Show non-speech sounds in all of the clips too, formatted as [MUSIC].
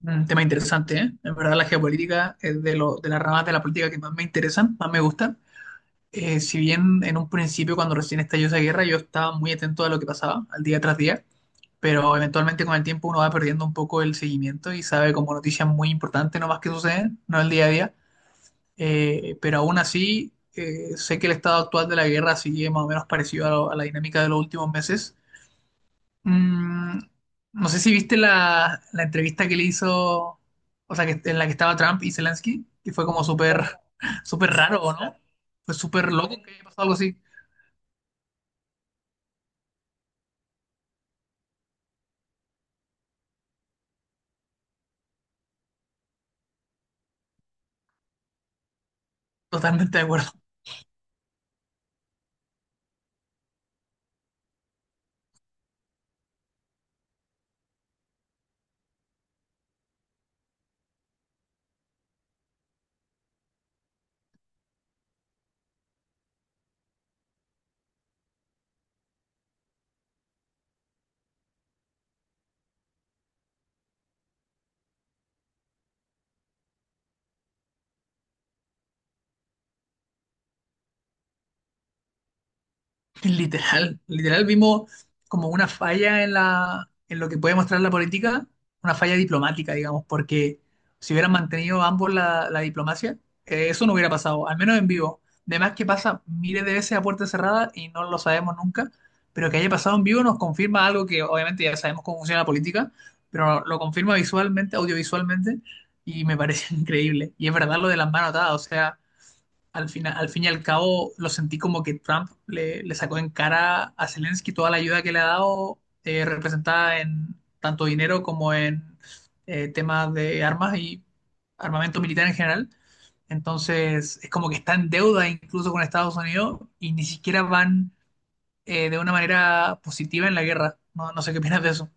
Un tema interesante, ¿eh? En verdad la geopolítica es de las ramas de la política que más me interesan, más me gustan. Si bien en un principio, cuando recién estalló esa guerra, yo estaba muy atento a lo que pasaba, al día tras día, pero eventualmente con el tiempo uno va perdiendo un poco el seguimiento y sabe como noticias muy importantes nomás que suceden, no el día a día. Pero aún así, sé que el estado actual de la guerra sigue más o menos parecido a, a la dinámica de los últimos meses. Mm, no sé si viste la entrevista que le hizo, o sea, que, en la que estaba Trump y Zelensky, que fue como súper, [LAUGHS] súper raro, ¿no? Fue súper loco que haya pasado algo así. Totalmente de acuerdo. Literal, literal vimos como una falla en la, en lo que puede mostrar la política, una falla diplomática, digamos, porque si hubieran mantenido ambos la diplomacia, eso no hubiera pasado, al menos en vivo. Además que pasa miles de veces a puerta cerrada y no lo sabemos nunca, pero que haya pasado en vivo nos confirma algo que obviamente ya sabemos cómo funciona la política, pero lo confirma visualmente, audiovisualmente, y me parece [LAUGHS] increíble. Y es verdad lo de las manos atadas, o sea al final, al fin y al cabo, lo sentí como que Trump le sacó en cara a Zelensky toda la ayuda que le ha dado, representada en tanto dinero como en temas de armas y armamento militar en general. Entonces, es como que está en deuda incluso con Estados Unidos y ni siquiera van de una manera positiva en la guerra. No, no sé qué opinas de eso.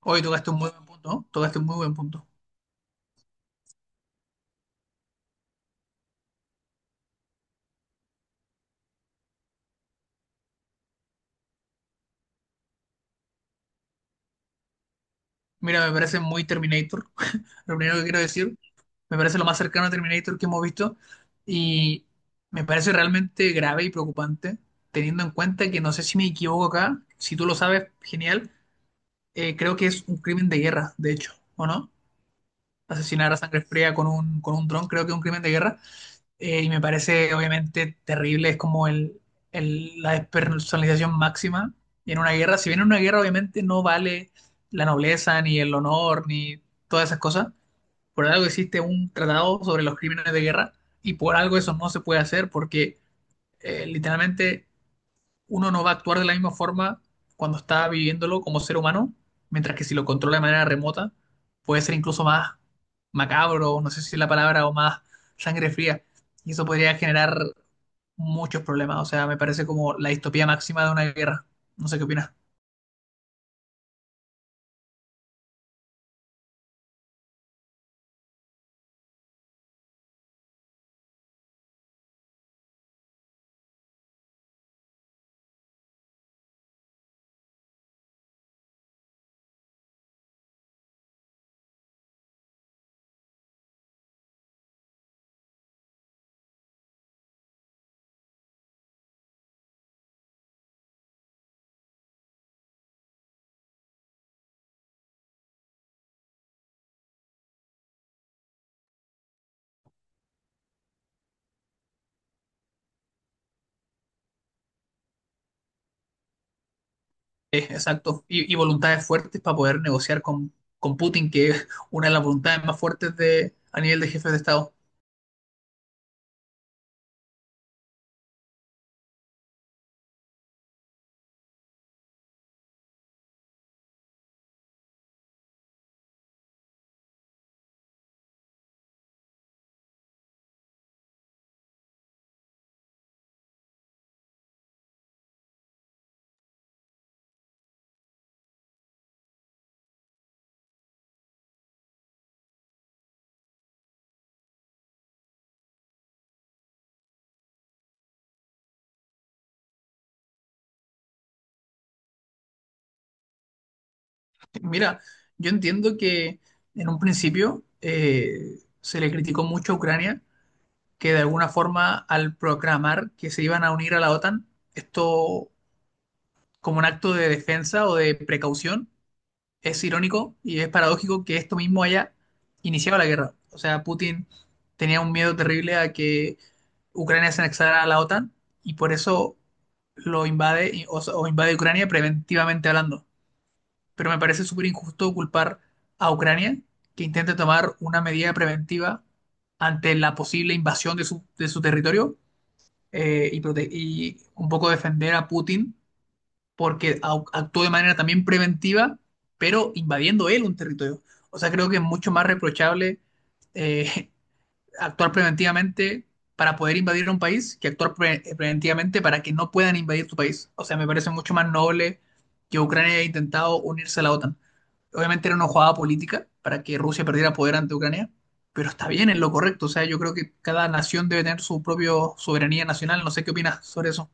Hoy tocaste un muy buen punto, ¿no? Tocaste un muy buen punto. Mira, me parece muy Terminator, [LAUGHS] lo primero que quiero decir. Me parece lo más cercano a Terminator que hemos visto y me parece realmente grave y preocupante, teniendo en cuenta que no sé si me equivoco acá, si tú lo sabes, genial, creo que es un crimen de guerra, de hecho, ¿o no? Asesinar a sangre fría con un dron, creo que es un crimen de guerra y me parece obviamente terrible, es como el, la despersonalización máxima en una guerra. Si bien en una guerra obviamente no vale la nobleza, ni el honor, ni todas esas cosas, por algo existe un tratado sobre los crímenes de guerra y por algo eso no se puede hacer porque literalmente uno no va a actuar de la misma forma cuando está viviéndolo como ser humano, mientras que si lo controla de manera remota puede ser incluso más macabro, no sé si es la palabra, o más sangre fría. Y eso podría generar muchos problemas. O sea, me parece como la distopía máxima de una guerra. No sé qué opinas. Exacto, y voluntades fuertes para poder negociar con Putin, que es una de las voluntades más fuertes de, a nivel de jefes de Estado. Mira, yo entiendo que en un principio se le criticó mucho a Ucrania que de alguna forma al proclamar que se iban a unir a la OTAN, esto como un acto de defensa o de precaución, es irónico y es paradójico que esto mismo haya iniciado la guerra. O sea, Putin tenía un miedo terrible a que Ucrania se anexara a la OTAN y por eso lo invade o invade Ucrania preventivamente hablando. Pero me parece súper injusto culpar a Ucrania que intente tomar una medida preventiva ante la posible invasión de su territorio y, y un poco defender a Putin porque actuó de manera también preventiva, pero invadiendo él un territorio. O sea, creo que es mucho más reprochable eh, [LAUGHS] actuar preventivamente para poder invadir un país que actuar preventivamente para que no puedan invadir tu país. O sea, me parece mucho más noble que Ucrania haya intentado unirse a la OTAN. Obviamente era una jugada política para que Rusia perdiera poder ante Ucrania, pero está bien, es lo correcto. O sea, yo creo que cada nación debe tener su propia soberanía nacional. No sé qué opinas sobre eso.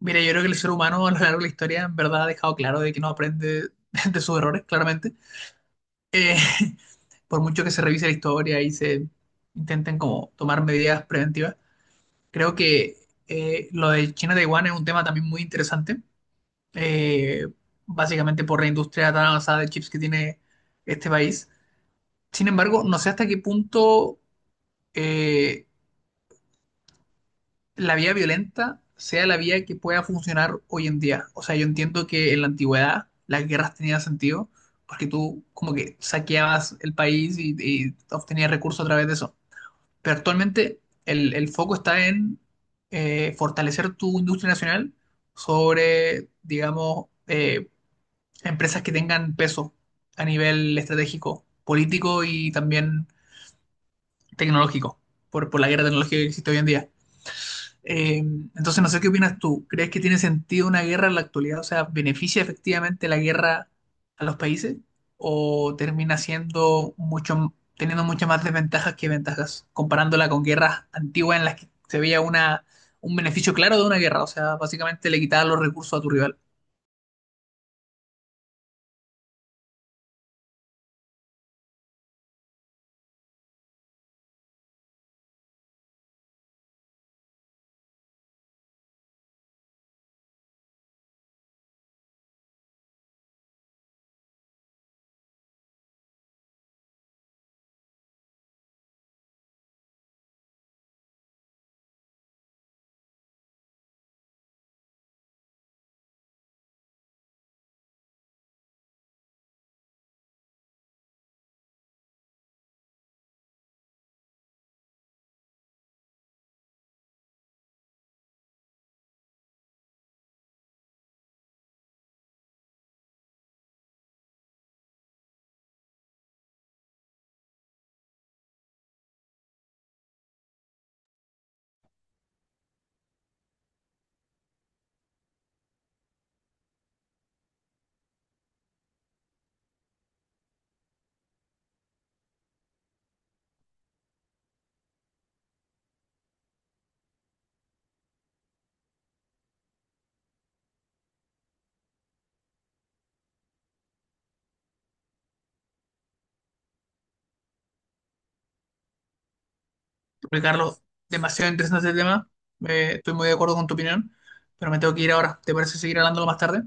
Mira, yo creo que el ser humano a lo largo de la historia en verdad ha dejado claro de que no aprende [LAUGHS] de sus errores, claramente. Eh, [LAUGHS] por mucho que se revise la historia y se intenten como tomar medidas preventivas, creo que lo de China-Taiwán es un tema también muy interesante, eh, básicamente por la industria tan avanzada de chips que tiene este país. Sin embargo, no sé hasta qué punto eh, la vía violenta sea la vía que pueda funcionar hoy en día. O sea, yo entiendo que en la antigüedad las guerras tenían sentido porque tú como que saqueabas el país y obtenías recursos a través de eso. Pero actualmente el foco está en fortalecer tu industria nacional sobre, digamos, empresas que tengan peso a nivel estratégico, político y también tecnológico, por la guerra tecnológica que existe hoy en día. Eh, entonces, no sé qué opinas tú. ¿Crees que tiene sentido una guerra en la actualidad? O sea, ¿beneficia efectivamente la guerra a los países? ¿O termina siendo mucho, teniendo muchas más desventajas que ventajas, comparándola con guerras antiguas en las que se veía una, un beneficio claro de una guerra? O sea, básicamente le quitaba los recursos a tu rival. Porque, Carlos, demasiado interesante el tema. Estoy muy de acuerdo con tu opinión, pero me tengo que ir ahora. ¿Te parece seguir hablándolo más tarde?